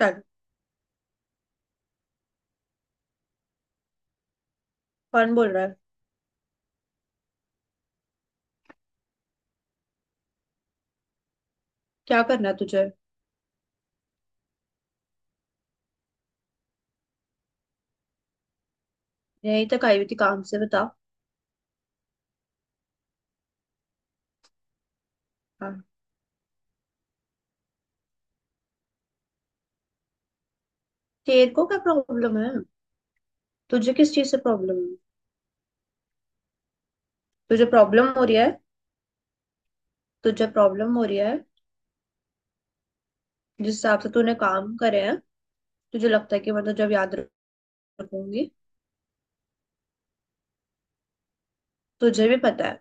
चल। कौन बोल रहा है? क्या करना है तुझे? यही तक आई हुई थी काम से। बता। हाँ, तेरे को क्या प्रॉब्लम है? तुझे किस चीज से प्रॉब्लम है? तुझे प्रॉब्लम हो रही है? तुझे प्रॉब्लम हो रही है? जिस हिसाब से तूने काम करे हैं, तुझे लगता है कि मैं तो जब याद रखूंगी। तुझे भी पता है।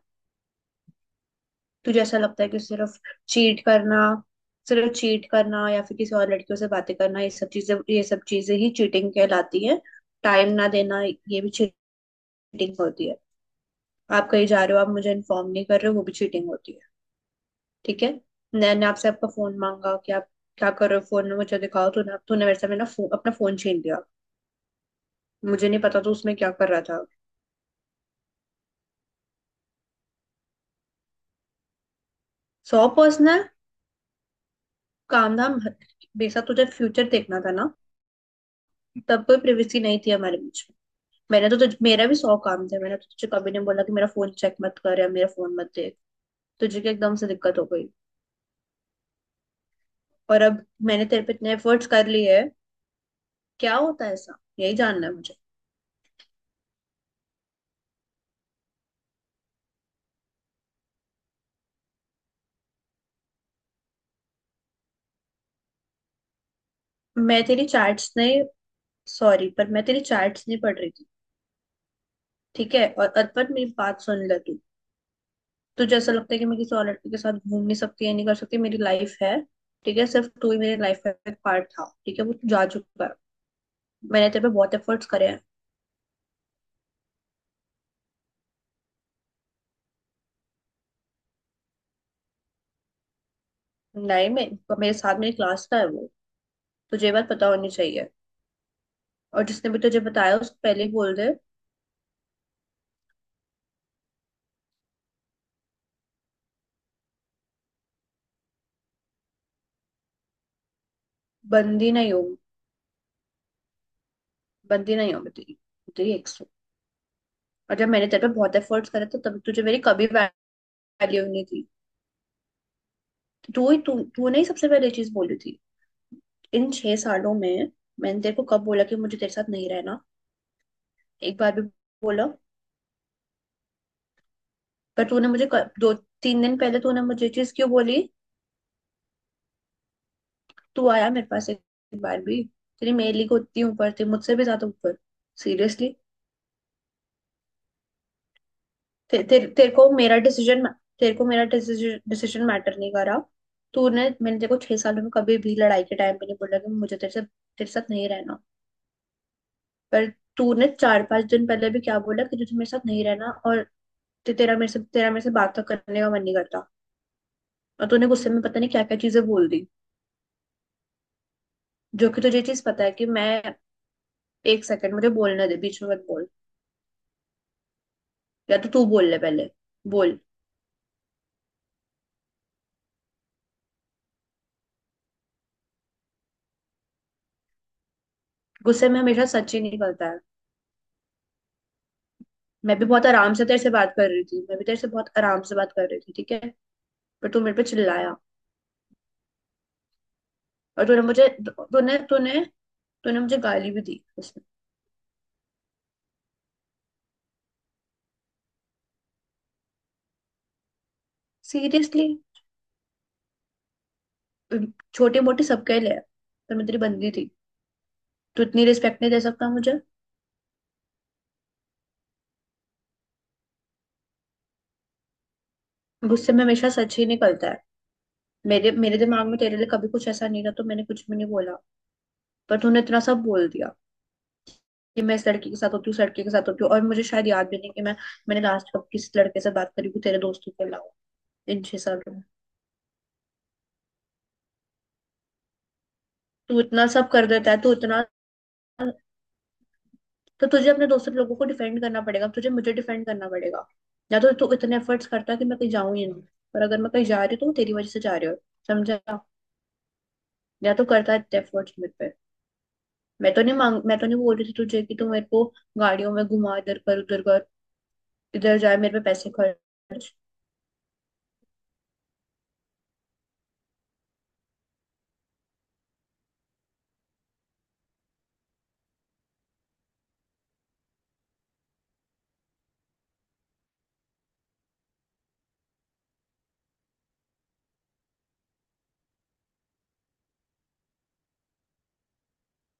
तुझे ऐसा लगता है कि सिर्फ चीट करना, सिर्फ चीट करना या फिर किसी और लड़कियों से बातें करना, ये सब चीजें, ये सब चीजें ही चीटिंग कहलाती है। टाइम ना देना, ये भी चीटिंग होती है। आप कहीं जा रहे हो, आप मुझे इन्फॉर्म नहीं कर रहे हो, वो भी चीटिंग होती है। ठीक है। मैंने आपसे आपका फोन मांगा कि आप क्या कर रहे हो फोन में, मुझे दिखाओ। तूने तूने मेरे से अपना फोन छीन लिया। मुझे नहीं पता तो उसमें क्या कर रहा था। सौ पर्सनल, काम धाम। बेसा तुझे फ्यूचर देखना था ना। तब कोई प्रिवेसी नहीं थी हमारे बीच में। मैंने तो तुझ मेरा भी सौ काम थे। मैंने तो तुझे कभी नहीं बोला कि मेरा फोन चेक मत कर या मेरा फोन मत देख। तुझे क्या एकदम से दिक्कत हो गई? और अब मैंने तेरे पे इतने एफर्ट्स कर लिए हैं। क्या होता है ऐसा, यही जानना है मुझे। मैं तेरी चैट्स नहीं सॉरी पर मैं तेरी चैट्स नहीं पढ़ रही थी। ठीक है, और अर्पण, मेरी बात सुन ले तू। तुझे ऐसा लगता है कि मैं किसी और लड़के के साथ घूम नहीं सकती या नहीं कर सकती? मेरी लाइफ है। ठीक है, सिर्फ तू ही मेरी लाइफ का एक पार्ट था। ठीक है, वो तू जा चुका है। मैंने तेरे पे बहुत एफर्ट्स करे हैं। नहीं, मैं मेरे साथ मेरी क्लास का है वो। तुझे ये बात पता होनी चाहिए। और जिसने भी तुझे बताया, उसको पहले ही बोल दे। बंदी नहीं हूँ। बंदी नहीं हूँ मैं तेरी तेरी ex हूँ। और जब मैंने तेरे पे बहुत एफर्ट्स करे थे, तब तुझे मेरी कभी वैल्यू नहीं थी। तू ही तू तूने ही सबसे पहले ये चीज बोली थी। इन छह सालों में मैंने तेरे को कब बोला कि मुझे तेरे साथ नहीं रहना? एक बार भी बोला? पर 2-3 दिन पहले तूने मुझे ये चीज क्यों बोली? तू आया मेरे पास एक बार भी? तेरी मेरे को उतनी ऊपर थी, मुझसे भी ज्यादा ऊपर। सीरियसली। ते, ते, तेरे को मेरा डिसीजन तेरे को मेरा डिसीजन डिसीजन मैटर नहीं करा। तूने मैंने तेरे को 6 सालों में कभी भी लड़ाई के टाइम पे नहीं बोला कि मुझे तेरे साथ नहीं रहना। पर तूने 4-5 दिन पहले भी क्या बोला कि तुझे मेरे साथ नहीं रहना। और ते तेरा मेरे से बात तक करने का मन नहीं करता। और तूने गुस्से में पता नहीं क्या क्या चीजें बोल दी। जो कि तुझे चीज पता है कि मैं। एक सेकंड, मुझे बोलने दे, बीच में मत बोल। या तो तू बोल ले पहले। बोल। गुस्से में हमेशा सच ही निकलता है। मैं भी बहुत आराम से तेरे से बात कर रही थी, मैं भी तेरे से बहुत आराम से बात कर रही थी, ठीक है। पर तू मेरे पे चिल्लाया। और तूने मुझे गाली भी दी उसमें। सीरियसली। छोटी मोटी सबके लिए है, पर मैं तेरी बंदी थी। तू इतनी रिस्पेक्ट नहीं दे सकता मुझे? गुस्से में हमेशा सच ही निकलता है। मेरे मेरे दिमाग में तेरे लिए कभी कुछ ऐसा नहीं था, तो मैंने कुछ भी नहीं बोला। पर तूने इतना सब बोल दिया कि मैं इस लड़की के साथ होती हूँ, इस लड़के के साथ होती हूँ, और मुझे शायद याद भी नहीं कि मैंने लास्ट कब किस लड़के से बात करी थी तेरे दोस्तों के अलावा, इन 6 सालों में। तू इतना सब कर देता है। तू इतना तो तुझे अपने दोस्तों लोगों को डिफेंड करना पड़ेगा, तुझे मुझे डिफेंड करना पड़ेगा। या तो तू इतने एफर्ट्स करता है कि मैं कहीं जाऊं ही ना, पर अगर मैं कहीं जा रही हूँ तो वो तेरी वजह से जा रही हो। समझा? या तो करता है इतने एफर्ट्स मेरे पे। मैं तो नहीं बोल रही थी तुझे कि तू मेरे को गाड़ियों में घुमा, इधर कर उधर कर, इधर जाए, मेरे पे पैसे खर्च।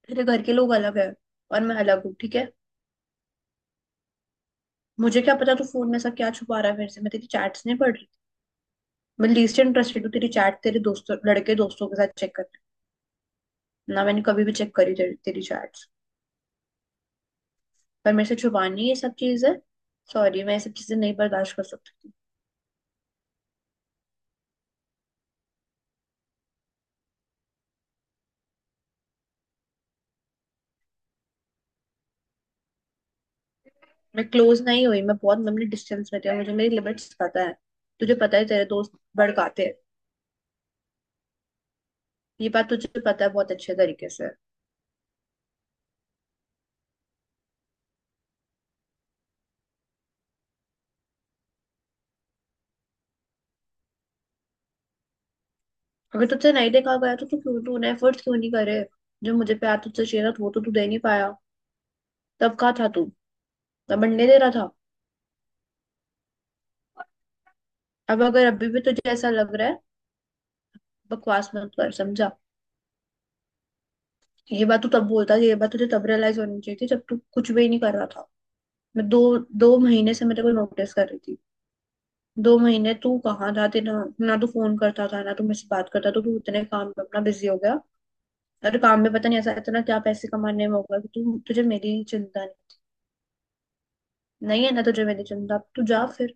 तेरे घर के लोग अलग है और मैं अलग हूँ, ठीक है। मुझे क्या पता तू फोन में ऐसा क्या छुपा रहा है मेरे से। मैं तेरी चैट्स नहीं पढ़ रही। मैं लीस्ट इंटरेस्टेड हूँ तेरी चैट तेरे दोस्तों, लड़के दोस्तों के साथ चेक करना। ना मैंने कभी भी चेक करी तेरी चैट्स। पर मेरे से छुपानी ये सब चीज है। सॉरी, मैं ये सब चीजें नहीं बर्दाश्त कर सकती। मैं क्लोज नहीं हुई, मैं बहुत लंबी डिस्टेंस में थी, और मुझे मेरी लिमिट्स पता है। तुझे पता है तेरे दोस्त भड़काते हैं। ये बात तुझे पता है बहुत अच्छे तरीके से। अगर तुझसे नहीं देखा गया तो तू क्यों तूने एफर्ट्स क्यों नहीं करे? जो मुझे प्यार तुझसे चाहिए था, तो वो तो तू दे नहीं पाया। तब कहाँ था तू? तब बनने दे रहा था। अब अगर अभी भी तुझे ऐसा लग रहा है, बकवास मत कर। समझा? ये बात तू तब बोलता था, ये बात तुझे तब रियलाइज होनी चाहिए थी जब तू कुछ भी नहीं कर रहा था। मैं दो 2 महीने से मैं तेरे को नोटिस कर रही थी। 2 महीने तू कहाँ था? तेरा ना तू फोन करता था ना तू मुझसे बात करता। तो तू इतने काम में अपना बिजी हो गया। और काम में पता नहीं ऐसा इतना क्या पैसे कमाने में होगा कि तू तुझे मेरी चिंता नहीं। नहीं है ना तुझे मेरी चिंता? अब तू जा फिर।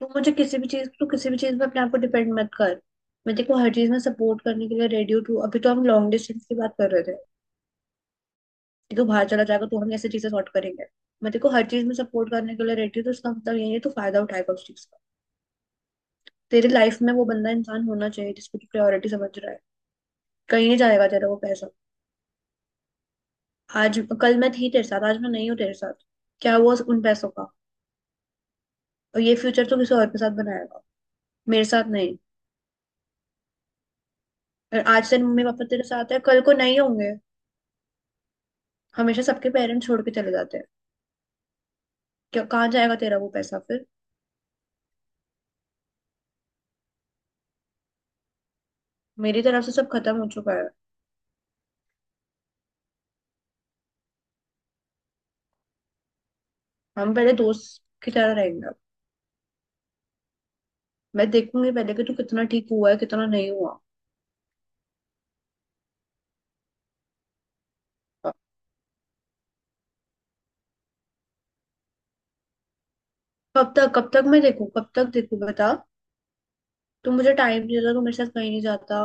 तो मुझे किसी भी चीज तो किसी भी चीज में अपने आप को डिपेंड मत कर। मैं देखो हर चीज में सपोर्ट करने के लिए रेडियो टू, अभी तो हम लॉन्ग डिस्टेंस की बात कर रहे थे। कि तू बाहर चला जाएगा तो हम ऐसी चीजें सॉर्ट करेंगे। मैं देखो हर चीज में सपोर्ट करने के लिए रेडी हूँ, तो उसका मतलब यही है तो फायदा उठाएगा उस चीज का? तेरी लाइफ में वो बंदा इंसान होना चाहिए जिसको तू प्रायोरिटी समझ रहा है। कहीं नहीं जाएगा तेरा वो पैसा। आज कल मैं थी तेरे साथ, आज मैं नहीं हूँ तेरे साथ। क्या हुआ उन पैसों का? और ये फ्यूचर तो किसी और के साथ बनाएगा, मेरे साथ नहीं। और आज तेरे मम्मी पापा तेरे साथ है, कल को नहीं होंगे। हमेशा सबके पेरेंट्स छोड़ के चले जाते हैं। क्या, कहाँ जाएगा तेरा वो पैसा फिर? मेरी तरफ से सब खत्म हो चुका है। हम पहले दोस्त की तरह रहेंगे अब। मैं देखूंगी पहले कि तू कितना ठीक हुआ है कितना नहीं हुआ। कब तक, कब तक मैं देखूं? कब तक देखूं? बता। तू मुझे टाइम नहीं देता, तू मेरे साथ कहीं नहीं जाता।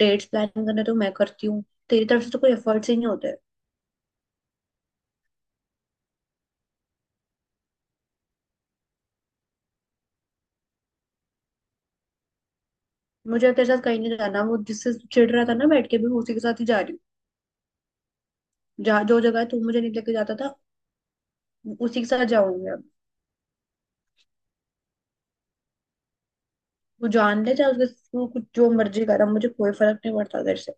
डेट्स प्लान करना तो मैं करती हूँ। तेरी तरफ से तो कोई एफर्ट्स ही नहीं होते। मुझे तेरे साथ कहीं नहीं जाना, वो जिससे तू चिढ़ रहा था ना, बैठ के भी उसी के साथ ही जा रही हूँ। जहाँ जो जगह तू मुझे नहीं लेके जाता था, उसी के साथ जाऊंगी अब। वो जान ले चाहे उसके। तू कुछ जो मर्जी करा, मुझे कोई फर्क नहीं पड़ता तेरे से।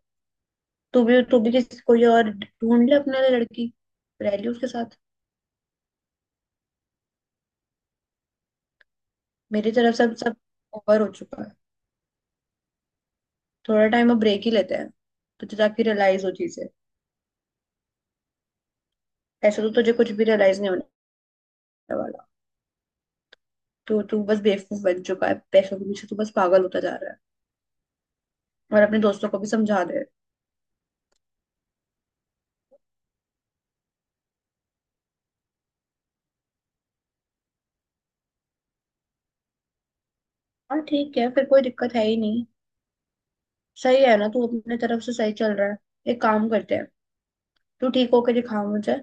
तू भी किसी कोई और ढूंढ ले अपने लिए लड़की। रह ली उसके साथ। मेरी तरफ से अब सब ओवर हो चुका है। थोड़ा टाइम अब ब्रेक ही लेते हैं। तुझे ताकि रियलाइज हो चीजें। ऐसे तो तुझे कुछ भी रियलाइज नहीं होने वाला। तू तू बस बेवकूफ बन चुका है पैसों के पीछे, तू बस पागल होता जा रहा है। और अपने दोस्तों को भी समझा दे। हाँ, ठीक है, फिर कोई दिक्कत है ही नहीं। सही है ना? तू अपने तरफ से सही चल रहा है। एक काम करते हैं। तू ठीक होकर दिखा मुझे।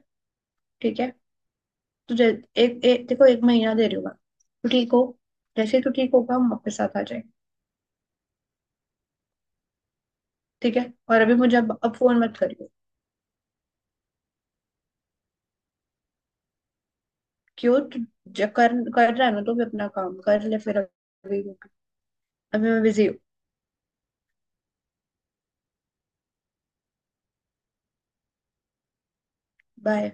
ठीक है। तो जै, एक देखो, एक महीना दे रही हूँ मैं। तो ठीक हो। जैसे ही तू ठीक होगा, हम वापस साथ आ जाए। ठीक है। और अभी मुझे अब फोन मत करियो। क्यों? तू कर कर रहा है ना तो भी अपना काम कर ले फिर अभी। अभी मैं बिजी हूँ। बाय।